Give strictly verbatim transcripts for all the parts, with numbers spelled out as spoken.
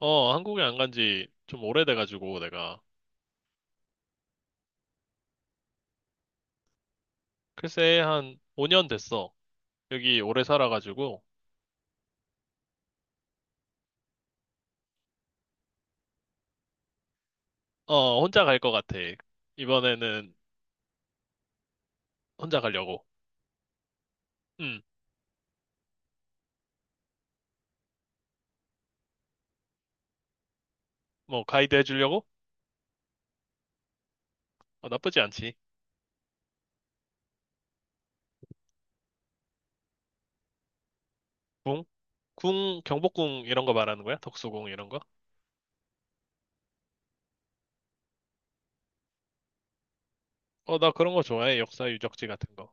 어, 한국에 안 간지 좀 오래돼가지고, 내가. 글쎄, 한 오 년 됐어. 여기 오래 살아가지고, 어, 혼자 갈 것 같아. 이번에는 혼자 가려고. 음, 뭐, 가이드 해주려고? 어, 나쁘지 않지. 궁? 궁, 경복궁 이런 거 말하는 거야? 덕수궁 이런 거? 어, 나 그런 거 좋아해. 역사 유적지 같은 거.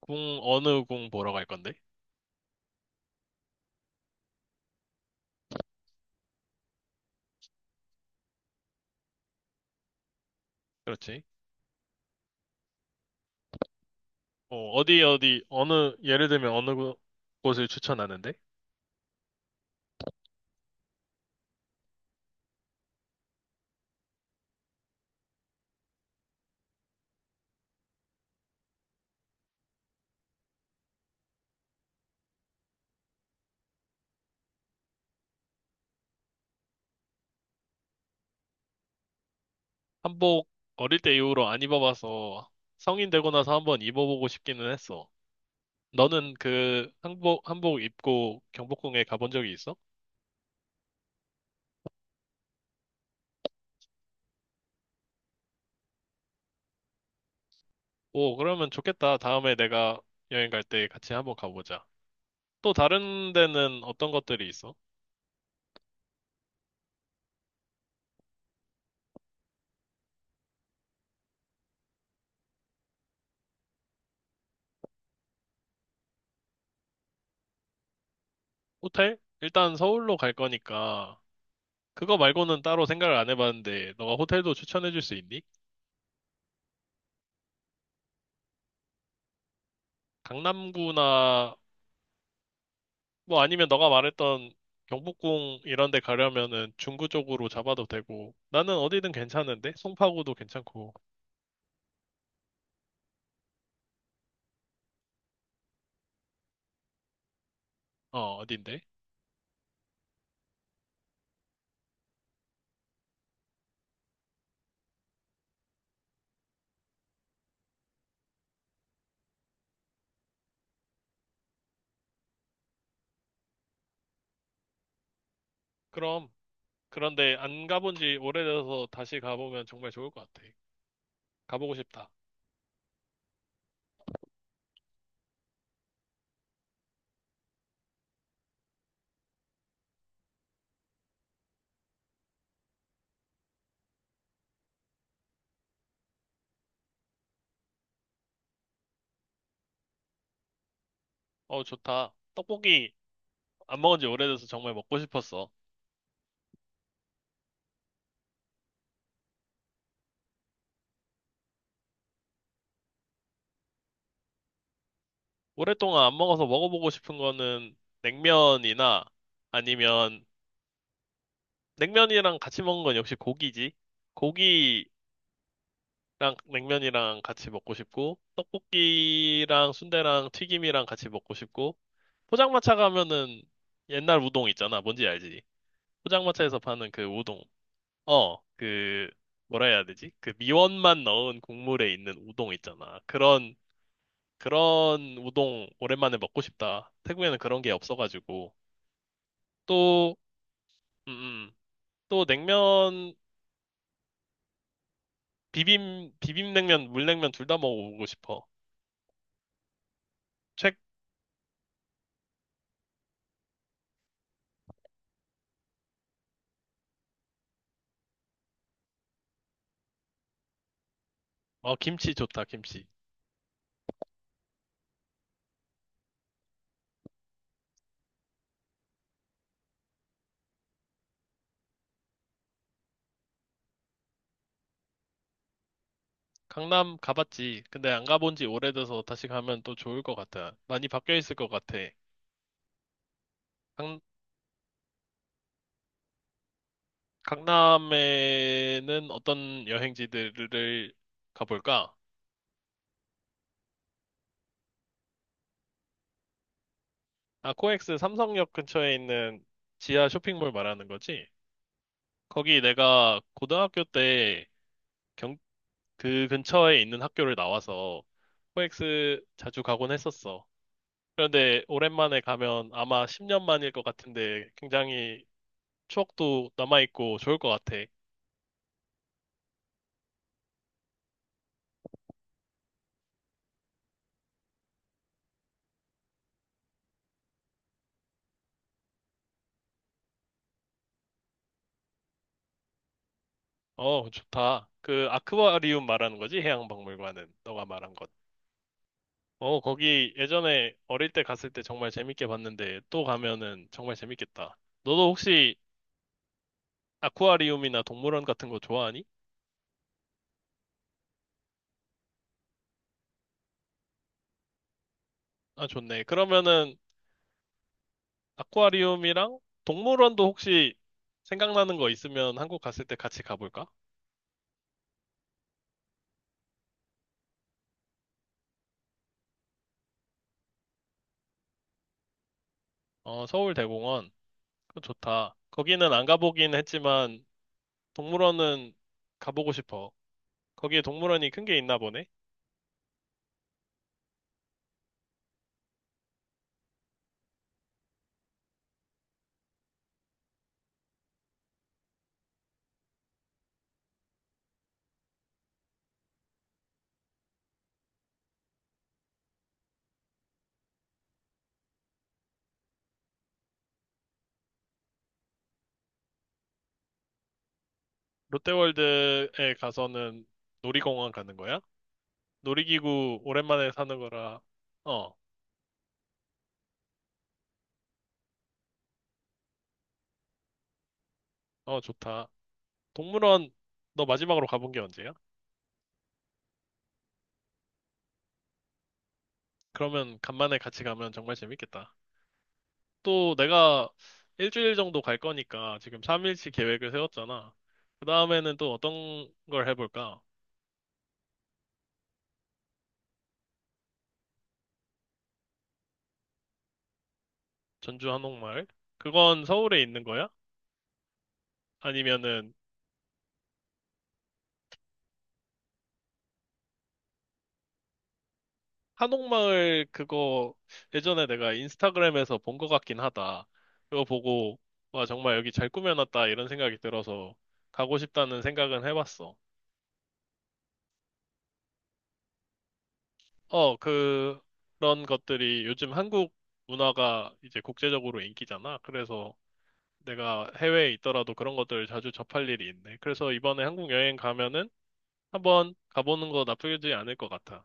궁, 어느 궁 보러 갈 건데? 그렇지. 어, 어디, 어디, 어느, 예를 들면 어느 곳- 곳을 추천하는데? 한복 어릴 때 이후로 안 입어봐서 성인 되고 나서 한번 입어보고 싶기는 했어. 너는 그 한복, 한복 입고 경복궁에 가본 적이 있어? 오, 그러면 좋겠다. 다음에 내가 여행 갈 때 같이 한번 가보자. 또 다른 데는 어떤 것들이 있어? 호텔? 일단 서울로 갈 거니까 그거 말고는 따로 생각을 안 해봤는데 너가 호텔도 추천해 줄 수 있니? 강남구나 뭐 아니면 너가 말했던 경복궁 이런 데 가려면은 중구 쪽으로 잡아도 되고 나는 어디든 괜찮은데 송파구도 괜찮고. 어 어딘데? 그럼. 그런데 안 가본 지 오래돼서 다시 가보면 정말 좋을 것 같아. 가보고 싶다. 어, 좋다. 떡볶이 안 먹은 지 오래돼서 정말 먹고 싶었어. 오랫동안 안 먹어서 먹어보고 싶은 거는 냉면이나, 아니면 냉면이랑 같이 먹는 건 역시 고기지. 고기 랑 냉면이랑 같이 먹고 싶고, 떡볶이랑 순대랑 튀김이랑 같이 먹고 싶고, 포장마차 가면은 옛날 우동 있잖아. 뭔지 알지? 포장마차에서 파는 그 우동. 어, 그 뭐라 해야 되지? 그 미원만 넣은 국물에 있는 우동 있잖아. 그런 그런 우동 오랜만에 먹고 싶다. 태국에는 그런 게 없어가지고. 또. 음, 음. 또 냉면, 비빔 비빔냉면, 물냉면 둘 다 먹어보고 싶어. 최, 어, 김치 좋다, 김치. 강남 가봤지. 근데 안 가본 지 오래돼서 다시 가면 또 좋을 것 같아. 많이 바뀌어 있을 것 같아. 강, 강남에는 어떤 여행지들을 가볼까? 아, 코엑스 삼성역 근처에 있는 지하 쇼핑몰 말하는 거지? 거기 내가 고등학교 때, 경, 그 근처에 있는 학교를 나와서 코엑스 자주 가곤 했었어. 그런데 오랜만에 가면 아마 십 년 만일 것 같은데 굉장히 추억도 남아있고 좋을 것 같아. 어, 좋다. 그 아쿠아리움 말하는 거지? 해양박물관은. 너가 말한 것. 어, 거기 예전에 어릴 때 갔을 때 정말 재밌게 봤는데 또 가면은 정말 재밌겠다. 너도 혹시 아쿠아리움이나 동물원 같은 거 좋아하니? 아, 좋네. 그러면은 아쿠아리움이랑 동물원도 혹시 생각나는 거 있으면 한국 갔을 때 같이 가볼까? 어, 서울대공원. 그거 좋다. 거기는 안 가보긴 했지만 동물원은 가보고 싶어. 거기에 동물원이 큰 게 있나 보네? 롯데월드에 가서는 놀이공원 가는 거야? 놀이기구 오랜만에 사는 거라. 어, 어, 좋다. 동물원 너 마지막으로 가본 게 언제야? 그러면 간만에 같이 가면 정말 재밌겠다. 또 내가 일주일 정도 갈 거니까 지금 삼 일치 계획을 세웠잖아. 그 다음에는 또 어떤 걸 해볼까? 전주 한옥마을? 그건 서울에 있는 거야? 아니면은. 한옥마을, 그거 예전에 내가 인스타그램에서 본 것 같긴 하다. 그거 보고 와, 정말 여기 잘 꾸며놨다 이런 생각이 들어서 가고 싶다는 생각은 해봤어. 어, 그- 그런 것들이, 요즘 한국 문화가 이제 국제적으로 인기잖아. 그래서 내가 해외에 있더라도 그런 것들을 자주 접할 일이 있네. 그래서 이번에 한국 여행 가면은 한번 가보는 거 나쁘지 않을 것 같아.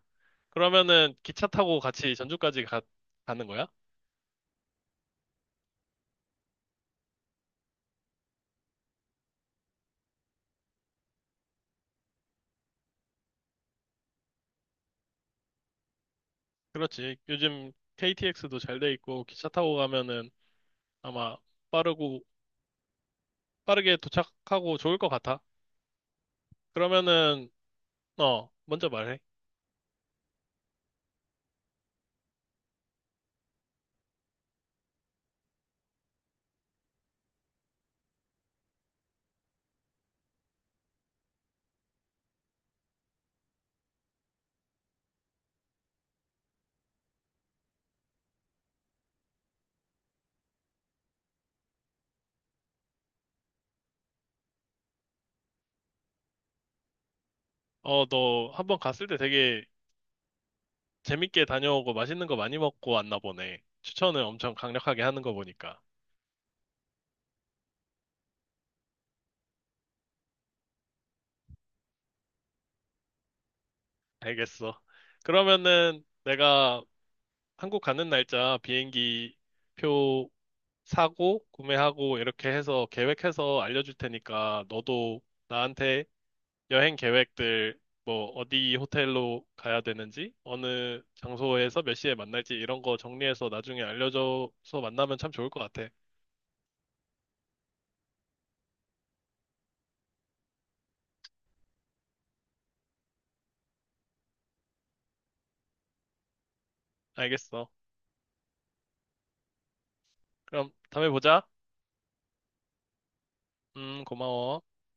그러면은 기차 타고 같이 전주까지 가, 가는 거야? 그렇지. 요즘 케이티엑스도 잘 돼 있고 기차 타고 가면은 아마 빠르고, 빠르게 도착하고 좋을 것 같아. 그러면은. 어, 먼저 말해. 어, 너 한번 갔을 때 되게 재밌게 다녀오고 맛있는 거 많이 먹고 왔나 보네. 추천을 엄청 강력하게 하는 거 보니까. 알겠어. 그러면은 내가 한국 가는 날짜, 비행기 표 사고 구매하고 이렇게 해서 계획해서 알려줄 테니까 너도 나한테 여행 계획들, 뭐, 어디 호텔로 가야 되는지, 어느 장소에서 몇 시에 만날지, 이런 거 정리해서 나중에 알려줘서 만나면 참 좋을 것 같아. 알겠어. 그럼 다음에 보자. 음, 고마워.